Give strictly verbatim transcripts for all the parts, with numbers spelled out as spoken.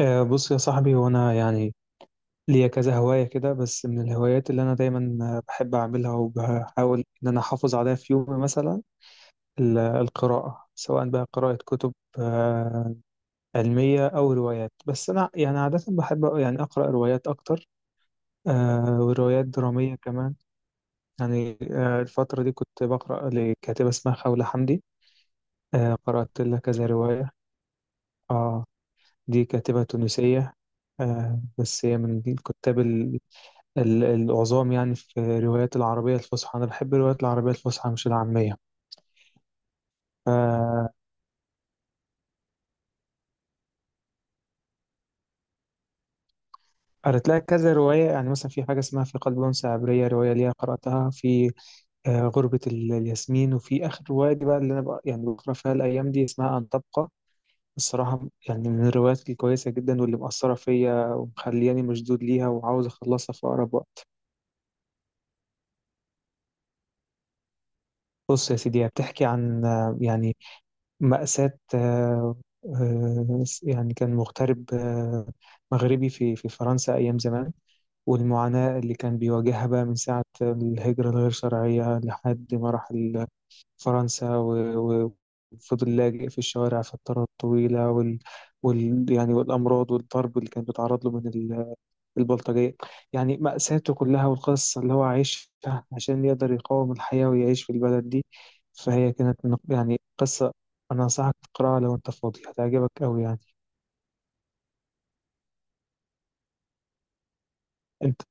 آه، بص يا صاحبي، وانا يعني ليا كذا هواية كده. بس من الهوايات اللي انا دايما آه، بحب اعملها، وبحاول ان انا احافظ عليها في يومي مثلا. ال- القراءة، سواء بقى قراءة كتب آه، علمية او روايات، بس انا يعني عادة بحب يعني اقرأ روايات اكتر. آه، وروايات درامية كمان. يعني آه، الفترة دي كنت بقرأ لكاتبة اسمها خولة حمدي. آه، قرأت لها كذا رواية. اه دي كاتبة تونسية. آه، بس هي من الكتاب ال- العظام، يعني في الروايات العربية الفصحى. أنا بحب الروايات العربية الفصحى، مش العامية. فقرأت لها كذا رواية، يعني مثلا في حاجة اسمها في قلب أنثى عبرية، رواية ليها قرأتها، في آه، غربة ال- الياسمين. وفي آخر رواية دي بقى اللي أنا بق- يعني بقرأ فيها الأيام دي، اسمها أن تبقى. الصراحة يعني من الروايات الكويسة جدا، واللي مأثرة فيا ومخلياني مشدود ليها وعاوز أخلصها في أقرب وقت. بص يا سيدي، هي بتحكي عن آه، يعني مأساة. آه، آه، يعني كان مغترب، آه، مغربي، في في فرنسا أيام زمان، والمعاناة اللي كان بيواجهها بقى من ساعة الهجرة الغير شرعية، لحد ما راح ال- فرنسا و- و- وفضل لاجئ في الشوارع فترات طويلة، وال, وال يعني والأمراض والضرب اللي كان بيتعرض له من البلطجية. يعني مأساته كلها والقصة اللي هو عايشها عشان يقدر يقاوم الحياة ويعيش في البلد دي. فهي كانت من- يعني قصة، أنا أنصحك تقرأها لو أنت فاضي، هتعجبك أوي يعني. أنت.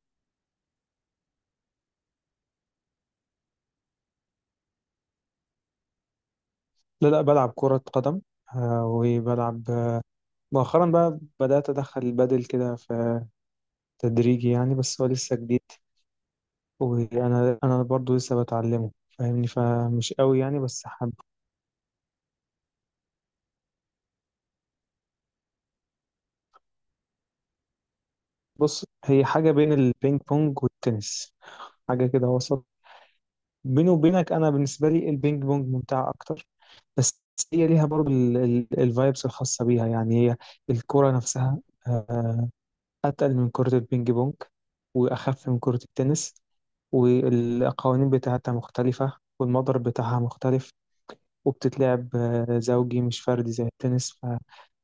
لا لا، بلعب كرة قدم. آه، وبلعب آه، مؤخرا بقى بدأت أدخل البادل كده في تدريجي يعني، بس هو لسه جديد، وأنا أنا برضو لسه بتعلمه، فاهمني، فمش قوي يعني، بس حابب. بص، هي حاجة بين البينج بونج والتنس، حاجة كده وسط. بيني وبينك، انا بالنسبه لي البينج بونج ممتعه اكتر، بس هي ليها برضو الفايبس الخاصه بيها. يعني هي الكره نفسها آه، اتقل من كره البينج بونج، واخف من كره التنس. والقوانين بتاعتها مختلفه، والمضرب بتاعها مختلف. وبتتلعب آه، زوجي مش فردي زي التنس، ف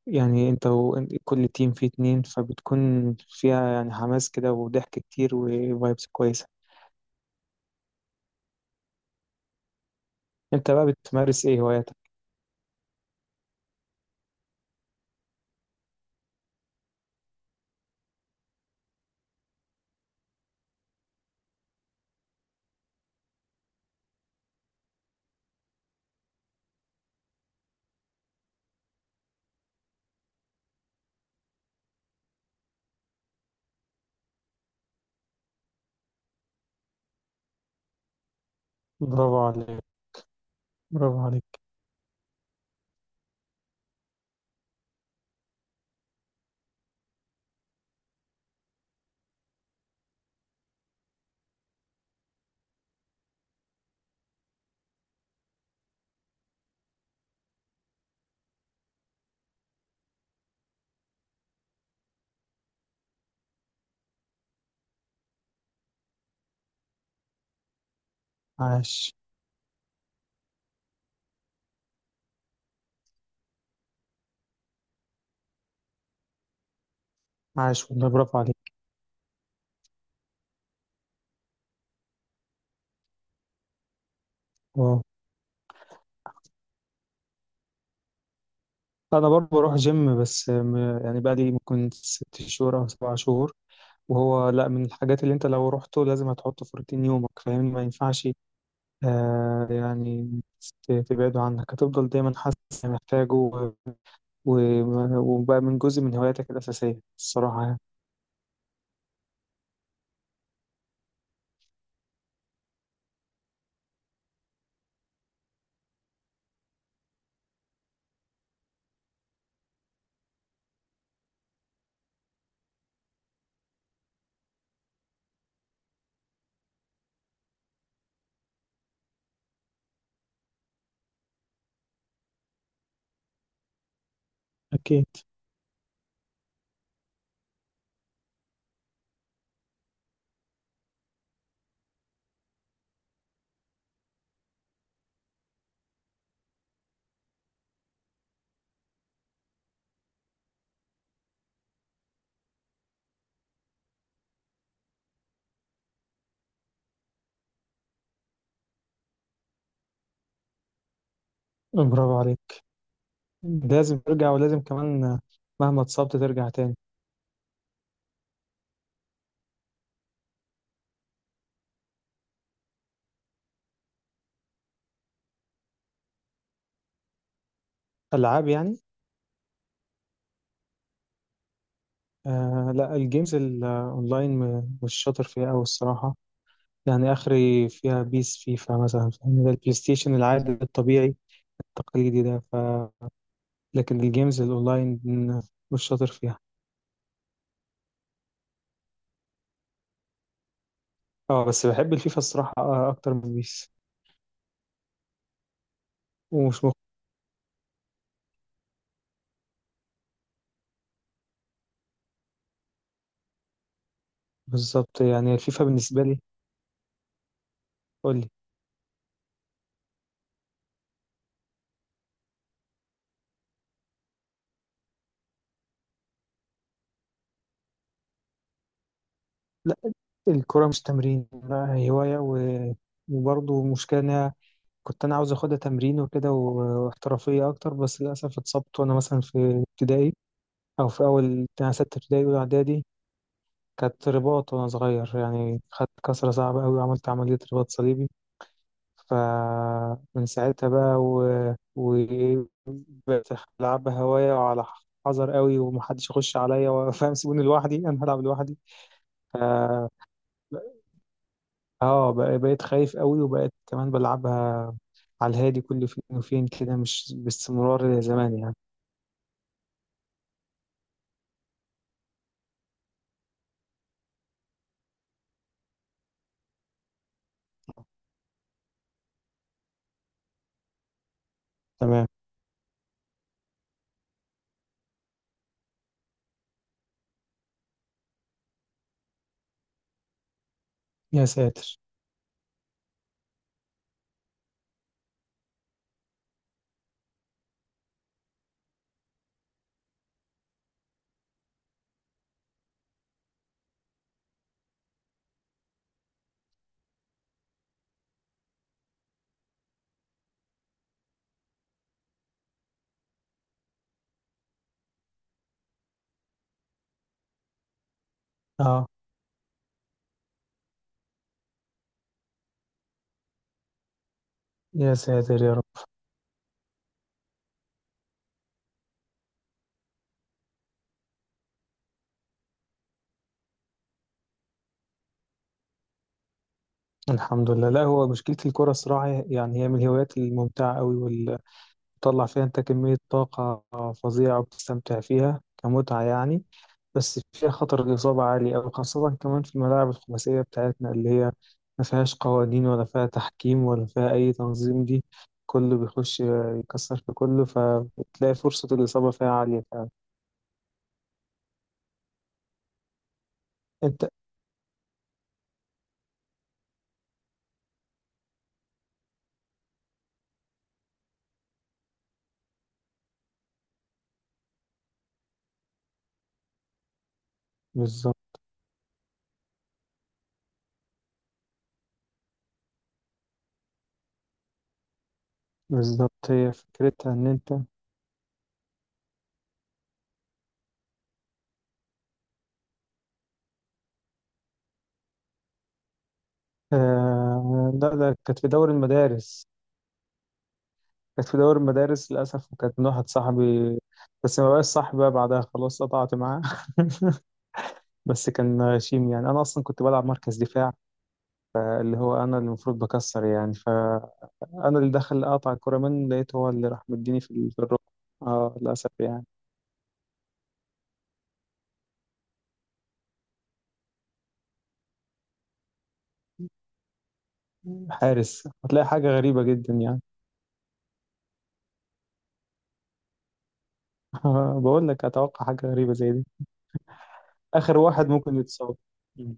يعني انت و... كل تيم فيه اتنين، فبتكون فيها يعني حماس كده وضحك كتير وفايبس كويسه. انت بقى بتمارس ايه هواياتك؟ برافو عليك. برافو عليك. عاش. عاش والله، برافو عليك. واو. انا برضه بروح جيم، بس م- يعني بقى لي ممكن ست شهور او سبع شهور، وهو لا من الحاجات اللي انت لو رحته لازم هتحطه في روتين يومك، فاهمني، ما ينفعش آه يعني ت- تبعده عنك، هتفضل دايما حاسس إنك محتاجه، و- و- وبقى من جزء من هواياتك الاساسيه الصراحه يعني. اكيد. برافو عليك. لازم ترجع، ولازم كمان مهما اتصبت ترجع تاني. العاب يعني؟ آه لا، الجيمز الاونلاين م- مش شاطر فيها قوي الصراحه، يعني اخري فيها بيس، فيفا مثلا، فاهم، ده البلاي ستيشن العادي الطبيعي التقليدي ده، ف لكن الجيمز الاونلاين مش شاطر فيها. اه بس بحب الفيفا الصراحه آه، اكتر من بيس. ومش مخ... بالظبط، يعني الفيفا بالنسبه لي. قول لي. لا، الكره مش تمرين، لا هوايه و... وبرضه مشكله انها، كنت انا عاوز اخدها تمرين وكده و- واحترافيه اكتر، بس للاسف اتصبت وانا مثلا في ابتدائي، أو في أول يعني ستة ابتدائي أولى إعدادي، كانت رباط وأنا صغير يعني، خدت كسرة صعبة أوي وعملت عملية رباط صليبي. فمن ساعتها بقى و... وبقيت ألعبها هواية، وعلى حذر أوي، ومحدش يخش عليا وفاهم، سيبوني لوحدي، أنا هلعب لوحدي. ف- اه بق- بقيت خايف قوي، وبقيت كمان بلعبها على الهادي، كل فين وفين كده، مش باستمرار زي زمان يعني. تمام. يا ساتر. اه. يا ساتر يا رب. الحمد لله. لا، هو مشكلة الكرة الصراحة يعني، هي من الهوايات الممتعة قوي، واللي بتطلع فيها انت كمية طاقة فظيعة، وبتستمتع فيها كمتعة يعني، بس فيها خطر الإصابة عالي أوي، خاصة كمان في الملاعب الخماسية بتاعتنا، اللي هي ما فيهاش قوانين، ولا فيها تحكيم، ولا فيها أي تنظيم. دي كله بيخش يكسر في كله، فبتلاقي فرصة الإصابة فيها عالية فعلا. أنت. بالظبط. بالظبط، هي فكرتها إن أنت. آه لا، ده كانت في دوري المدارس، كانت في دوري المدارس للأسف، وكانت من واحد صاحبي، بس ما بقاش صاحبي بقى بعدها، خلاص قطعت معاه. بس كان غشيم يعني، أنا أصلا كنت بلعب مركز دفاع، اللي هو أنا اللي المفروض بكسر يعني، فأنا اللي دخل قطع الكرة منه لقيته هو اللي راح مديني في ال- في الركبة. اه، للأسف يعني. حارس، هتلاقي حاجة غريبة جدا يعني. بقول لك أتوقع حاجة غريبة زي دي. آخر واحد ممكن يتصاب. مم.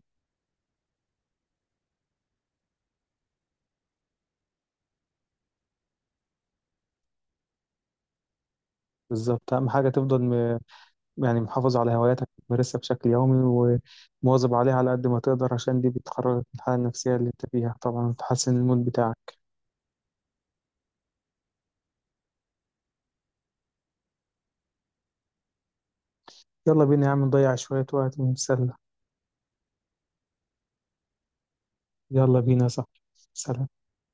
بالظبط، أهم حاجة تفضل يعني محافظ على هواياتك، بتمارسها بشكل يومي، ومواظب عليها على قد ما تقدر، عشان دي بتخرجك من الحالة النفسية اللي انت فيها طبعا، وتحسن المود بتاعك. يلا بينا يا عم، نضيع شوية وقت ونتسلى. يلا بينا، صح. سلام.